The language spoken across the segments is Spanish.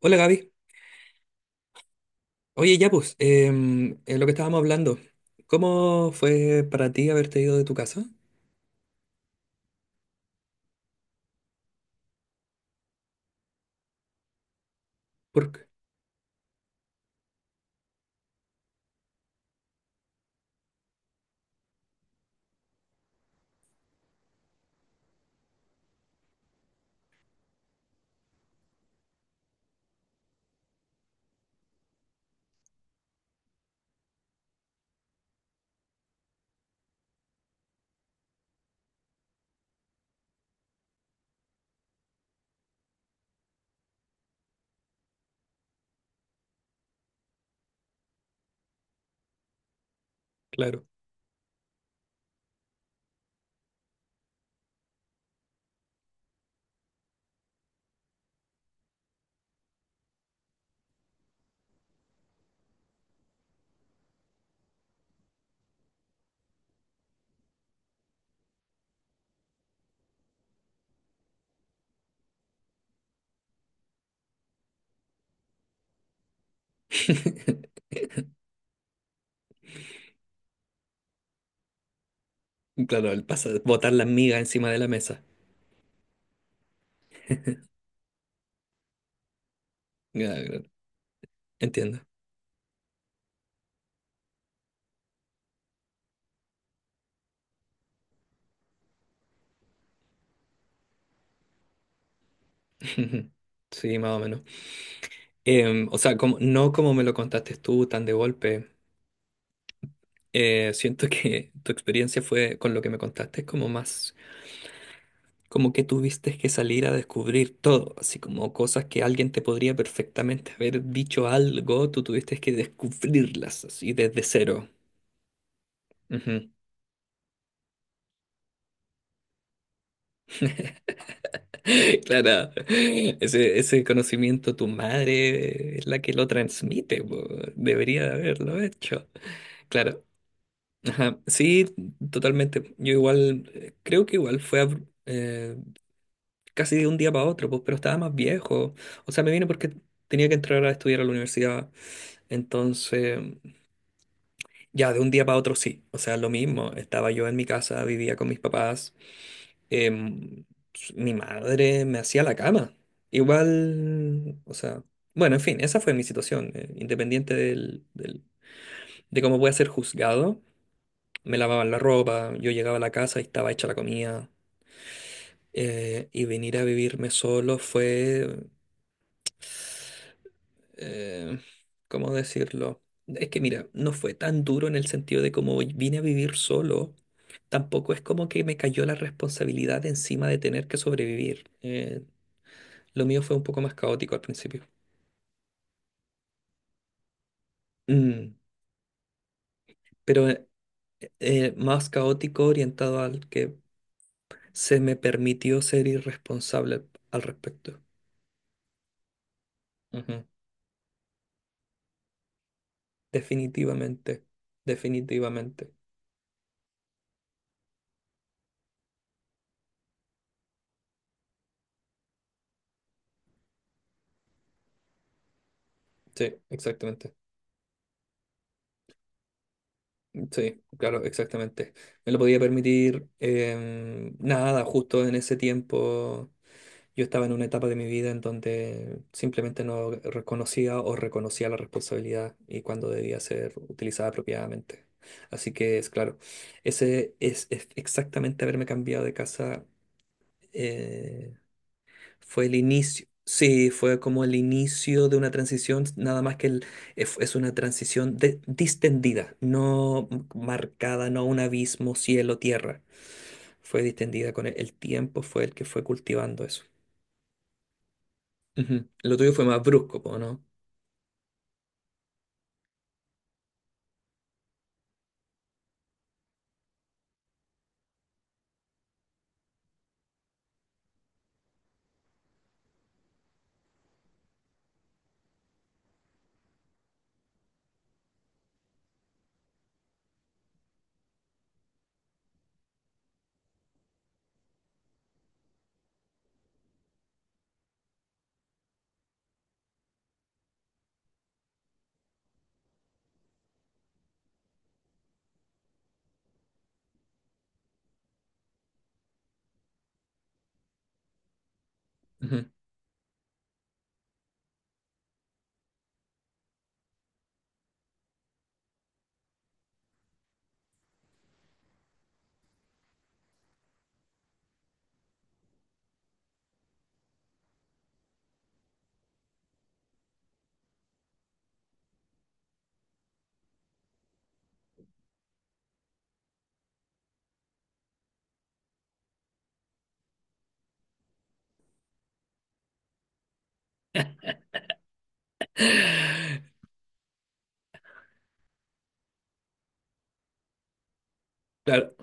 Hola Gaby. Oye, ya pues, en lo que estábamos hablando, ¿cómo fue para ti haberte ido de tu casa? Porque, claro. Claro, el paso de botar las migas encima de la mesa. Ya, claro, entiendo. Sí, más o menos. O sea, no como me lo contaste tú tan de golpe. Siento que tu experiencia fue con lo que me contaste es como más como que tuviste que salir a descubrir todo, así como cosas que alguien te podría perfectamente haber dicho algo, tú tuviste que descubrirlas así desde cero. Ujú. Claro, ese conocimiento tu madre es la que lo transmite, po, debería de haberlo hecho. Claro, ajá. Sí, totalmente. Yo igual, creo que igual fue casi de un día para otro, pues, pero estaba más viejo. O sea, me vine porque tenía que entrar a estudiar a la universidad. Entonces, ya de un día para otro sí, o sea, lo mismo, estaba yo en mi casa, vivía con mis papás, em, mi madre me hacía la cama, igual, o sea, bueno, en fin, esa fue mi situación, independiente de cómo voy a ser juzgado, me lavaban la ropa, yo llegaba a la casa y estaba hecha la comida, y venir a vivirme solo fue eh, ¿cómo decirlo? Es que mira, no fue tan duro en el sentido de como vine a vivir solo, tampoco es como que me cayó la responsabilidad encima de tener que sobrevivir. Lo mío fue un poco más caótico al principio. Mm, pero más caótico orientado al que se me permitió ser irresponsable al respecto. Ujú. Definitivamente, definitivamente. Sí, exactamente. Sí, claro, exactamente. Me lo podía permitir nada, justo en ese tiempo yo estaba en una etapa de mi vida en donde simplemente no reconocía o reconocía la responsabilidad y cuando debía ser utilizada apropiadamente. Así que es claro, es exactamente haberme cambiado de casa eh, fue el inicio, sí, fue como el inicio de una transición, nada más que es una distendida, no marcada, no un abismo, cielo, tierra. Fue distendida con el tiempo, fue el que fue cultivando eso. Ujú. Lo tuyo fue más brusco, po, ¿no? Ujú. Claro.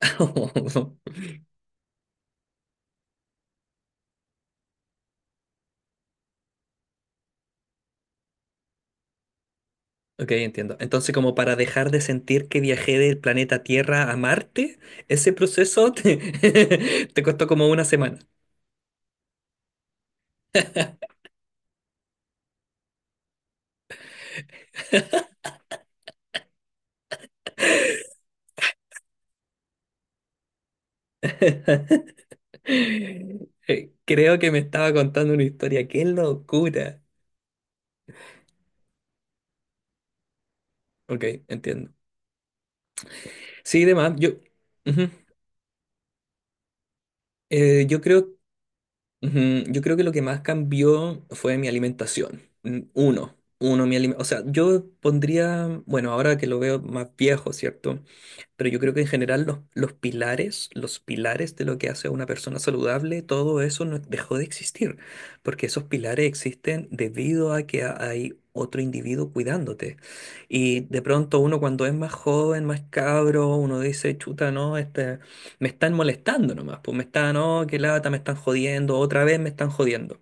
Ok, entiendo. Entonces, como para dejar de sentir que viajé del planeta Tierra a Marte, ese proceso te costó como una semana. Eh, creo que me estaba contando una historia. ¡Qué locura! Ok, entiendo. Sí, demás, yo, ujú. Yo creo, ujú, yo creo que lo que más cambió fue mi alimentación. Mi alimentación. O sea, yo pondría, bueno, ahora que lo veo más viejo, ¿cierto? Pero yo creo que en general los pilares de lo que hace a una persona saludable, todo eso no dejó de existir, porque esos pilares existen debido a que hay otro individuo cuidándote. Y de pronto uno cuando es más joven, más cabro, uno dice, chuta, no, este, me están molestando nomás, pues me están, no, qué lata, me están jodiendo, otra vez me están jodiendo.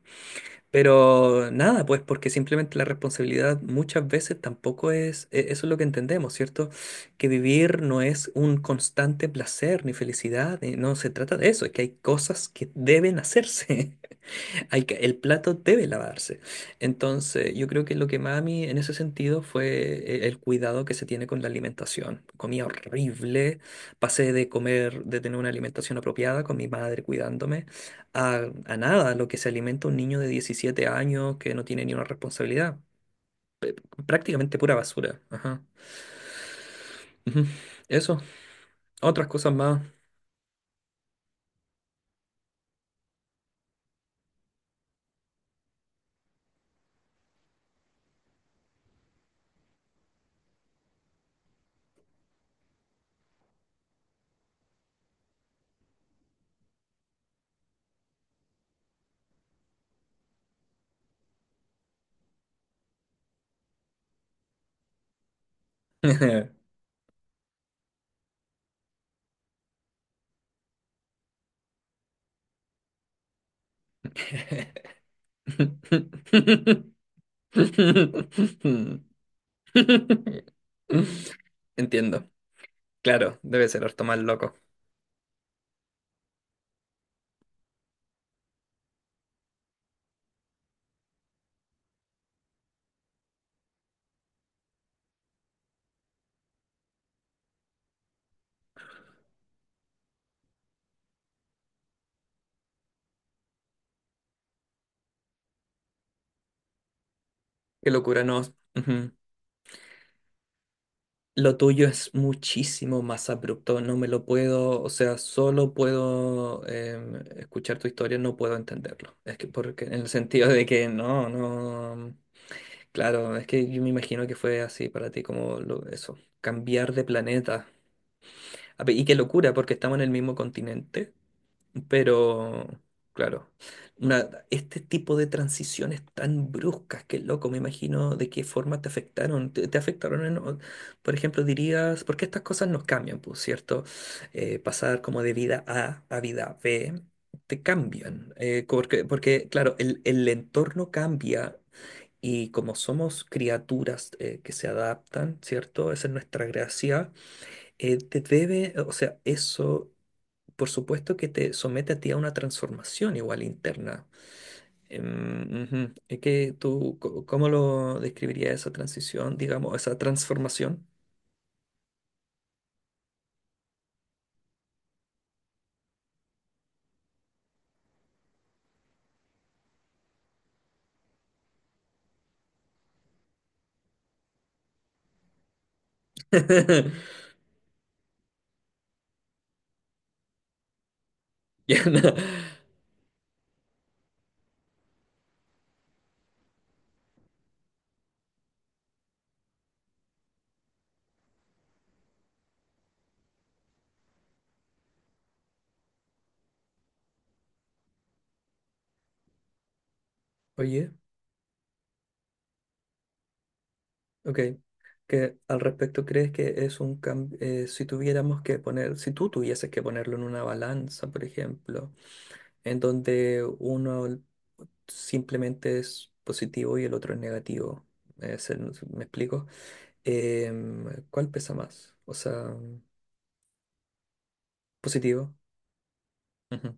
Pero nada, pues porque simplemente la responsabilidad muchas veces tampoco eso es lo que entendemos, ¿cierto? Que vivir no es un constante placer ni felicidad, no se trata de eso, es que hay cosas que deben hacerse. Hay que, el plato debe lavarse. Entonces, yo creo que lo que más a mí en ese sentido fue el cuidado que se tiene con la alimentación. Comía horrible, pasé de comer, de tener una alimentación apropiada con mi madre cuidándome, a, a nada, lo que se alimenta un niño de 17 años que no tiene ni una responsabilidad. Prácticamente pura basura. Ajá. Ujú. Eso, otras cosas más. Entiendo. Claro, debe ser harto más loco. Qué locura, no. Ujú. Lo tuyo es muchísimo más abrupto. No me lo puedo, o sea, solo puedo escuchar tu historia, no puedo entenderlo. Es que porque en el sentido de que no, no. Claro, es que yo me imagino que fue así para ti, como eso, cambiar de planeta. Y qué locura, porque estamos en el mismo continente. Pero, claro, este tipo de transiciones tan bruscas que loco, me imagino de qué forma te afectaron. Te afectaron por ejemplo, dirías, porque estas cosas nos cambian, pues, ¿cierto? Pasar como de vida A a vida B, te cambian. Porque, porque, claro, el entorno cambia y como somos criaturas que se adaptan, ¿cierto? Esa es nuestra gracia. Te debe, o sea, eso por supuesto que te somete a ti a una transformación igual interna. Ujú. Es que ¿cómo lo describirías esa transición, digamos, esa transformación? Ya, no. Oye, ok. Que al respecto crees que es un cambio, si tuviéramos que poner, si tú tuvieses que ponerlo en una balanza, por ejemplo, en donde uno simplemente es positivo y el otro es negativo. ¿Me explico? ¿Cuál pesa más? O sea, positivo. Ujú,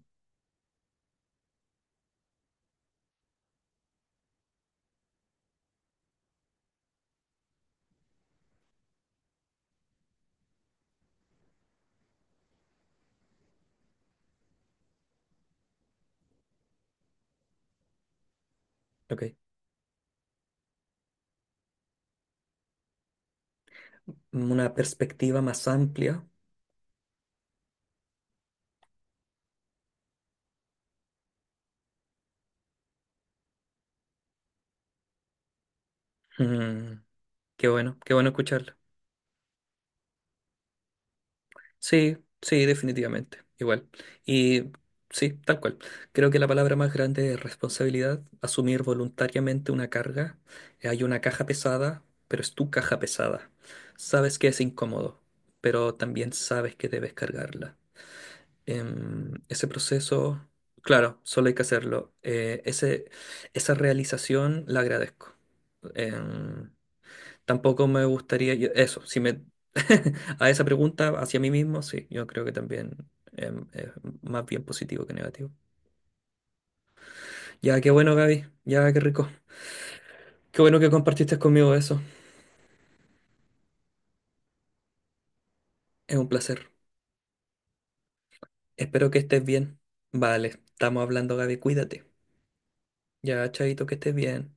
ok. Una perspectiva más amplia. Mm, qué bueno escucharlo. Sí, sí, definitivamente. Igual. Y sí, tal cual. Creo que la palabra más grande es responsabilidad, asumir voluntariamente una carga. Hay una caja pesada, pero es tu caja pesada. Sabes que es incómodo, pero también sabes que debes cargarla. Ese proceso, claro, solo hay que hacerlo. Esa realización la agradezco. Em, tampoco me gustaría, eso, si me a esa pregunta hacia mí mismo, sí, yo creo que también es más bien positivo que negativo. Ya, qué bueno, Gaby, ya, qué rico. Qué bueno que compartiste conmigo eso. Es un placer. Espero que estés bien. Vale, estamos hablando, Gaby, cuídate. Ya, chaito, que estés bien.